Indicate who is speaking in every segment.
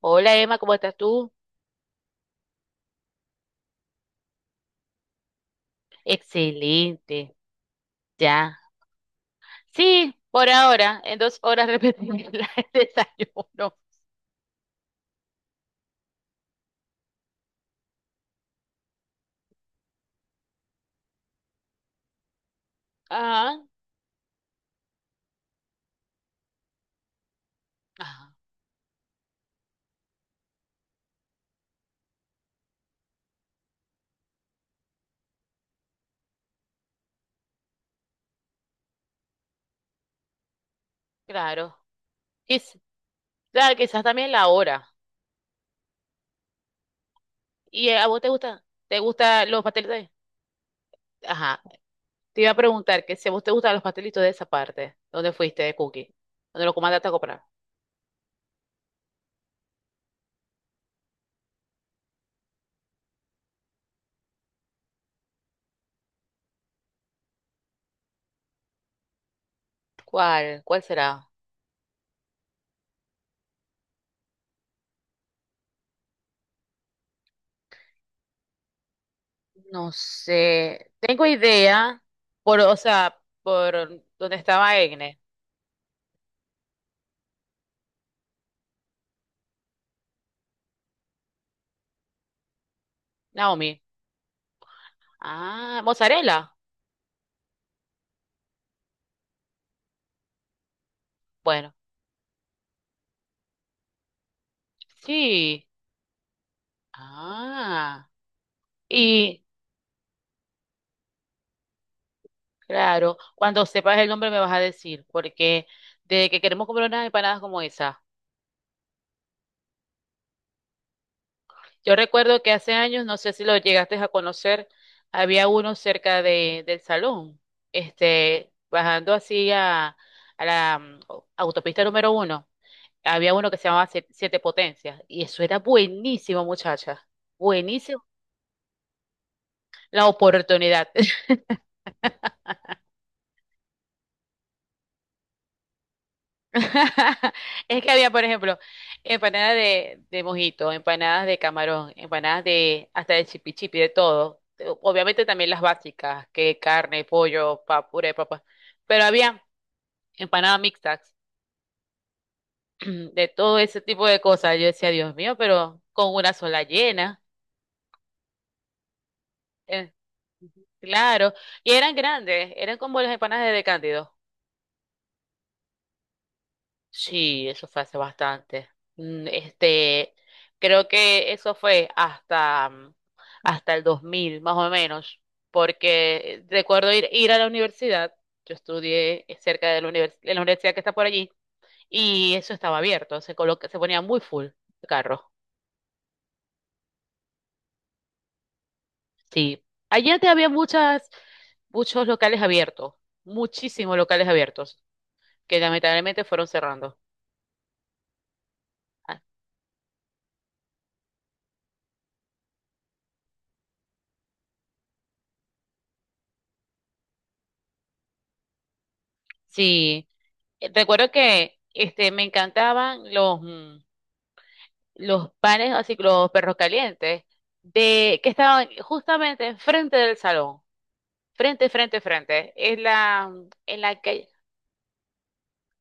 Speaker 1: Hola Emma, ¿cómo estás tú? Excelente, ya. Sí, por ahora, en dos horas repetimos el desayuno. Ajá, ajá, claro. Quiz- claro, quizás también la hora. ¿Y a vos te gusta? ¿Te gustan los pasteles de- Ajá, te iba a preguntar que si a vos te gustan los pastelitos de esa parte? ¿Dónde fuiste de Cookie? ¿Dónde lo comandaste a comprar? ¿Cuál? ¿Cuál será? No sé. Tengo idea por, o sea, por donde estaba Egne, Naomi. Ah, mozzarella. Bueno, sí. Ah, y claro, cuando sepas el nombre me vas a decir, porque de que queremos comer unas empanadas como esa. Yo recuerdo que hace años, no sé si lo llegaste a conocer, había uno cerca de, del salón, este, bajando así a la autopista número uno, había uno que se llamaba Siete Potencias, y eso era buenísimo, muchacha. Buenísimo. La oportunidad. Es que había, por ejemplo, empanadas de mojito, empanadas de camarón, empanadas de hasta de chipi chipi, de todo. Obviamente también las básicas, que carne, pollo, pa, puré de papa. Pero había empanadas mixtas, de todo ese tipo de cosas. Yo decía, Dios mío, pero con una sola llena. Eh, claro. Y eran grandes, eran como las empanadas de Cándido. Sí, eso fue hace bastante. Este, creo que eso fue hasta, hasta el 2000, más o menos, porque recuerdo ir a la universidad. Yo estudié cerca de la, de la universidad que está por allí y eso estaba abierto, se coloca, se ponía muy full de carros. Sí, allí antes había muchas, muchos locales abiertos, muchísimos locales abiertos, que lamentablemente fueron cerrando. Ah, sí. Recuerdo que este, me encantaban los, los panes, así que los perros calientes, de, que estaban justamente enfrente del salón, frente, en la calle.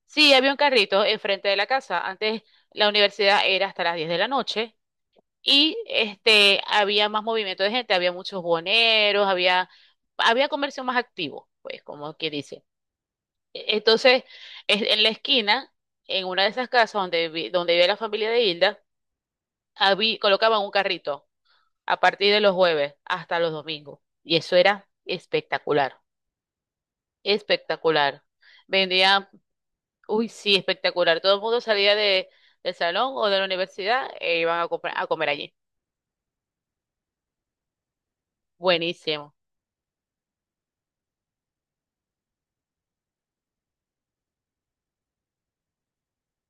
Speaker 1: Sí, había un carrito enfrente de la casa. Antes la universidad era hasta las 10 de la noche y este, había más movimiento de gente, había muchos boneros, había, había comercio más activo, pues como que dice. Entonces, en la esquina, en una de esas casas donde, donde vive la familia de Hilda, colocaban un carrito a partir de los jueves hasta los domingos. Y eso era espectacular, espectacular. Vendían, uy, sí, espectacular. Todo el mundo salía de, del salón o de la universidad e iban a, a comer allí. Buenísimo.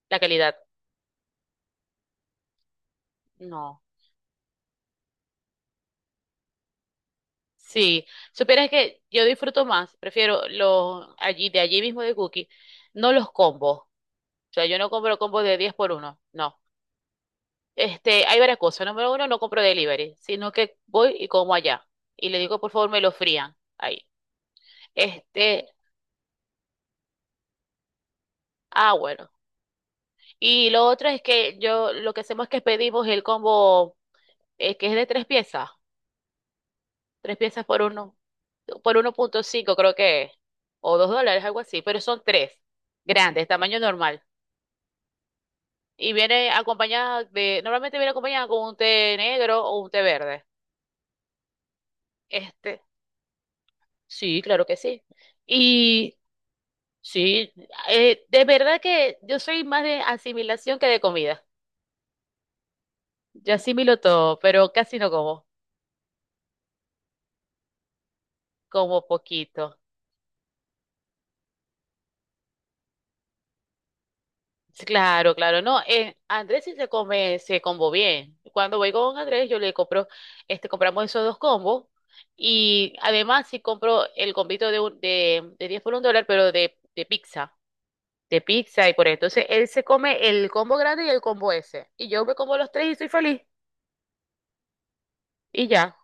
Speaker 1: La calidad, no. Sí, supieras que yo disfruto más, prefiero los allí, de allí mismo de Cookie, no los combos. O sea, yo no compro combos de 10 por uno, no. Este, hay varias cosas. Número uno, no compro delivery, sino que voy y como allá. Y le digo, por favor, me lo frían ahí. Este, ah, bueno. Y lo otro es que yo, lo que hacemos es que pedimos el combo, que es de tres piezas. Tres piezas por uno punto cinco creo que es. O $2, algo así. Pero son tres, grandes, tamaño normal. Y viene acompañada de, normalmente viene acompañada con un té negro o un té verde. Este, sí, claro que sí. Y sí, de verdad que yo soy más de asimilación que de comida. Yo asimilo todo, pero casi no como, como poquito. Sí, claro, claro, no. Andrés sí se come, se combo bien. Cuando voy con Andrés, yo le compro, este, compramos esos dos combos. Y además sí compro el combito de, de diez por $1, pero de pizza. De pizza y por ahí. Entonces él se come el combo grande y el combo ese. Y yo me como los tres y soy feliz. Y ya.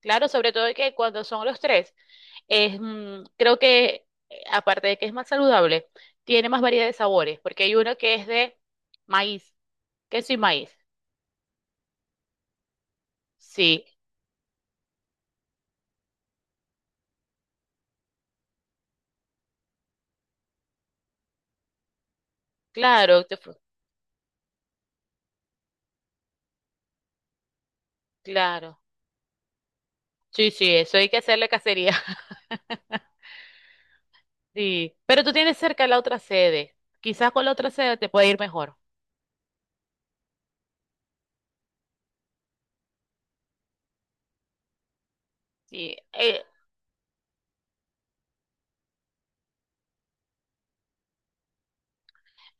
Speaker 1: Claro, sobre todo que cuando son los tres, es, creo que aparte de que es más saludable, tiene más variedad de sabores, porque hay uno que es de maíz, queso y maíz. Sí, claro, claro. Sí, sí, eso hay que hacerle cacería. Sí, pero tú tienes cerca la otra sede. Quizás con la otra sede te puede ir mejor. Sí,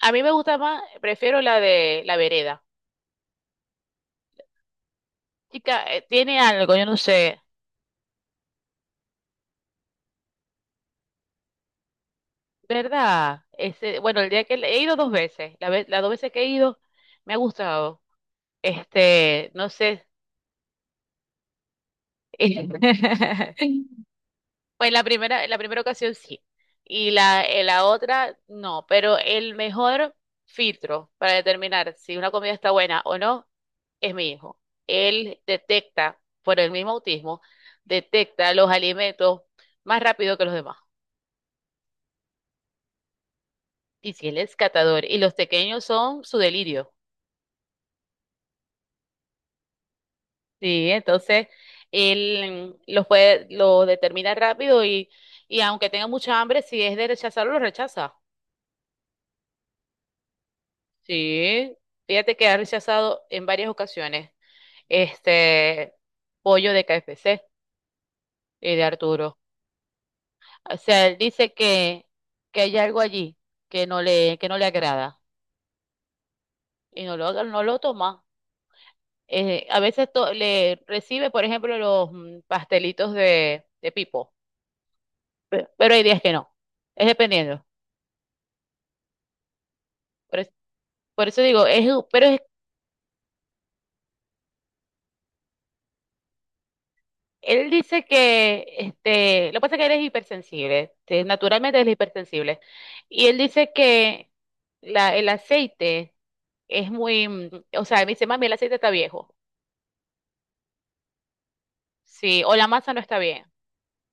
Speaker 1: a mí me gusta más, prefiero la de la vereda. Chica, tiene algo, yo no sé. ¿Verdad? Este, bueno, el día he ido dos veces, la vez, las dos veces que he ido, me ha gustado. Este, no sé. eh, Pues la primera ocasión sí. Y la, la otra no. Pero el mejor filtro para determinar si una comida está buena o no es mi hijo. Él detecta, por el mismo autismo, detecta los alimentos más rápido que los demás. Y si él es catador y los pequeños son su delirio. Sí, entonces él los puede, lo determina rápido y aunque tenga mucha hambre, si es de rechazarlo, lo rechaza. Sí, fíjate que ha rechazado en varias ocasiones este pollo de KFC y de Arturo. O sea, él dice que hay algo allí que no le agrada y no lo, no lo toma. A veces le recibe, por ejemplo, los pastelitos de Pipo, pero hay días que no. Es dependiendo. Por Por eso digo, es, pero él dice que, este, lo que pasa es que él es hipersensible, este, naturalmente él es hipersensible. Y él dice que la, el aceite es muy, o sea, me dice, mami, el aceite está viejo, sí, o la masa no está bien.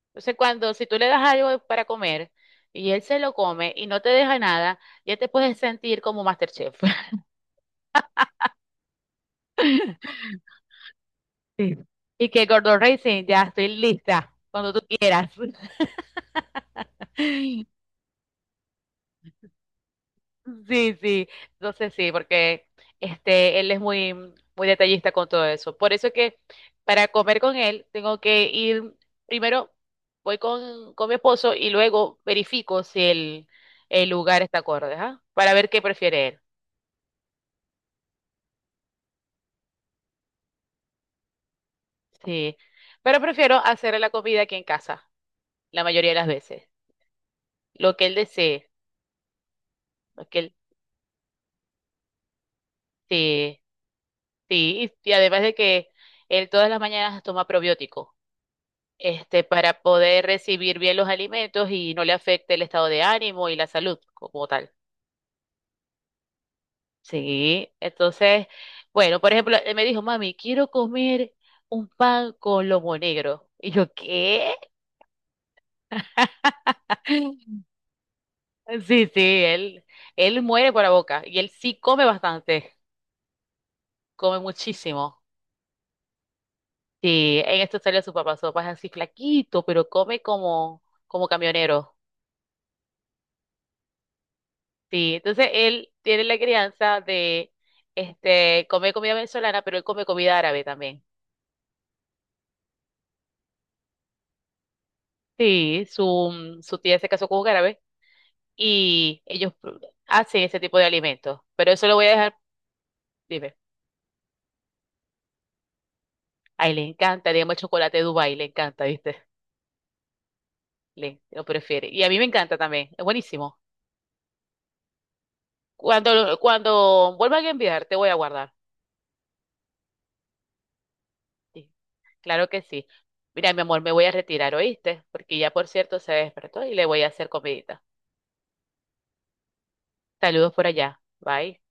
Speaker 1: Entonces, cuando, si tú le das algo para comer y él se lo come y no te deja nada, ya te puedes sentir como MasterChef. Sí. Y que Gordon Ramsay, ya estoy lista, cuando tú quieras. Sí, sí, entonces sí, porque este, él es muy, muy detallista con todo eso. Por eso es que para comer con él tengo que ir, primero voy con mi esposo y luego verifico si el, el lugar está acorde, ¿ah? Para ver qué prefiere él. Sí, pero prefiero hacer la comida aquí en casa, la mayoría de las veces, lo que él desee, lo que él, sí, sí, y además de que él todas las mañanas toma probiótico. Este, para poder recibir bien los alimentos y no le afecte el estado de ánimo y la salud como tal. Sí, entonces, bueno, por ejemplo, él me dijo, mami, quiero comer un pan con lomo negro. Y yo, ¿qué? Sí, sí, él muere por la boca y él sí come bastante, come muchísimo. Sí, en esto salió su papá es así flaquito, pero come como, como camionero. Sí, entonces él tiene la crianza de este comer comida venezolana, pero él come comida árabe también. Sí, su, su tía se casó con un árabe y ellos hacen ese tipo de alimentos. Pero eso lo voy a dejar, dime. A él le encanta, digamos, el chocolate de Dubái, le encanta, ¿viste? Le, lo prefiere. Y a mí me encanta también, es buenísimo. Cuando, cuando vuelvan a enviar, te voy a guardar. Sí, claro que sí. Mira, mi amor, me voy a retirar, ¿oíste? Porque ya, por cierto, se despertó y le voy a hacer comidita. Saludos por allá. Bye.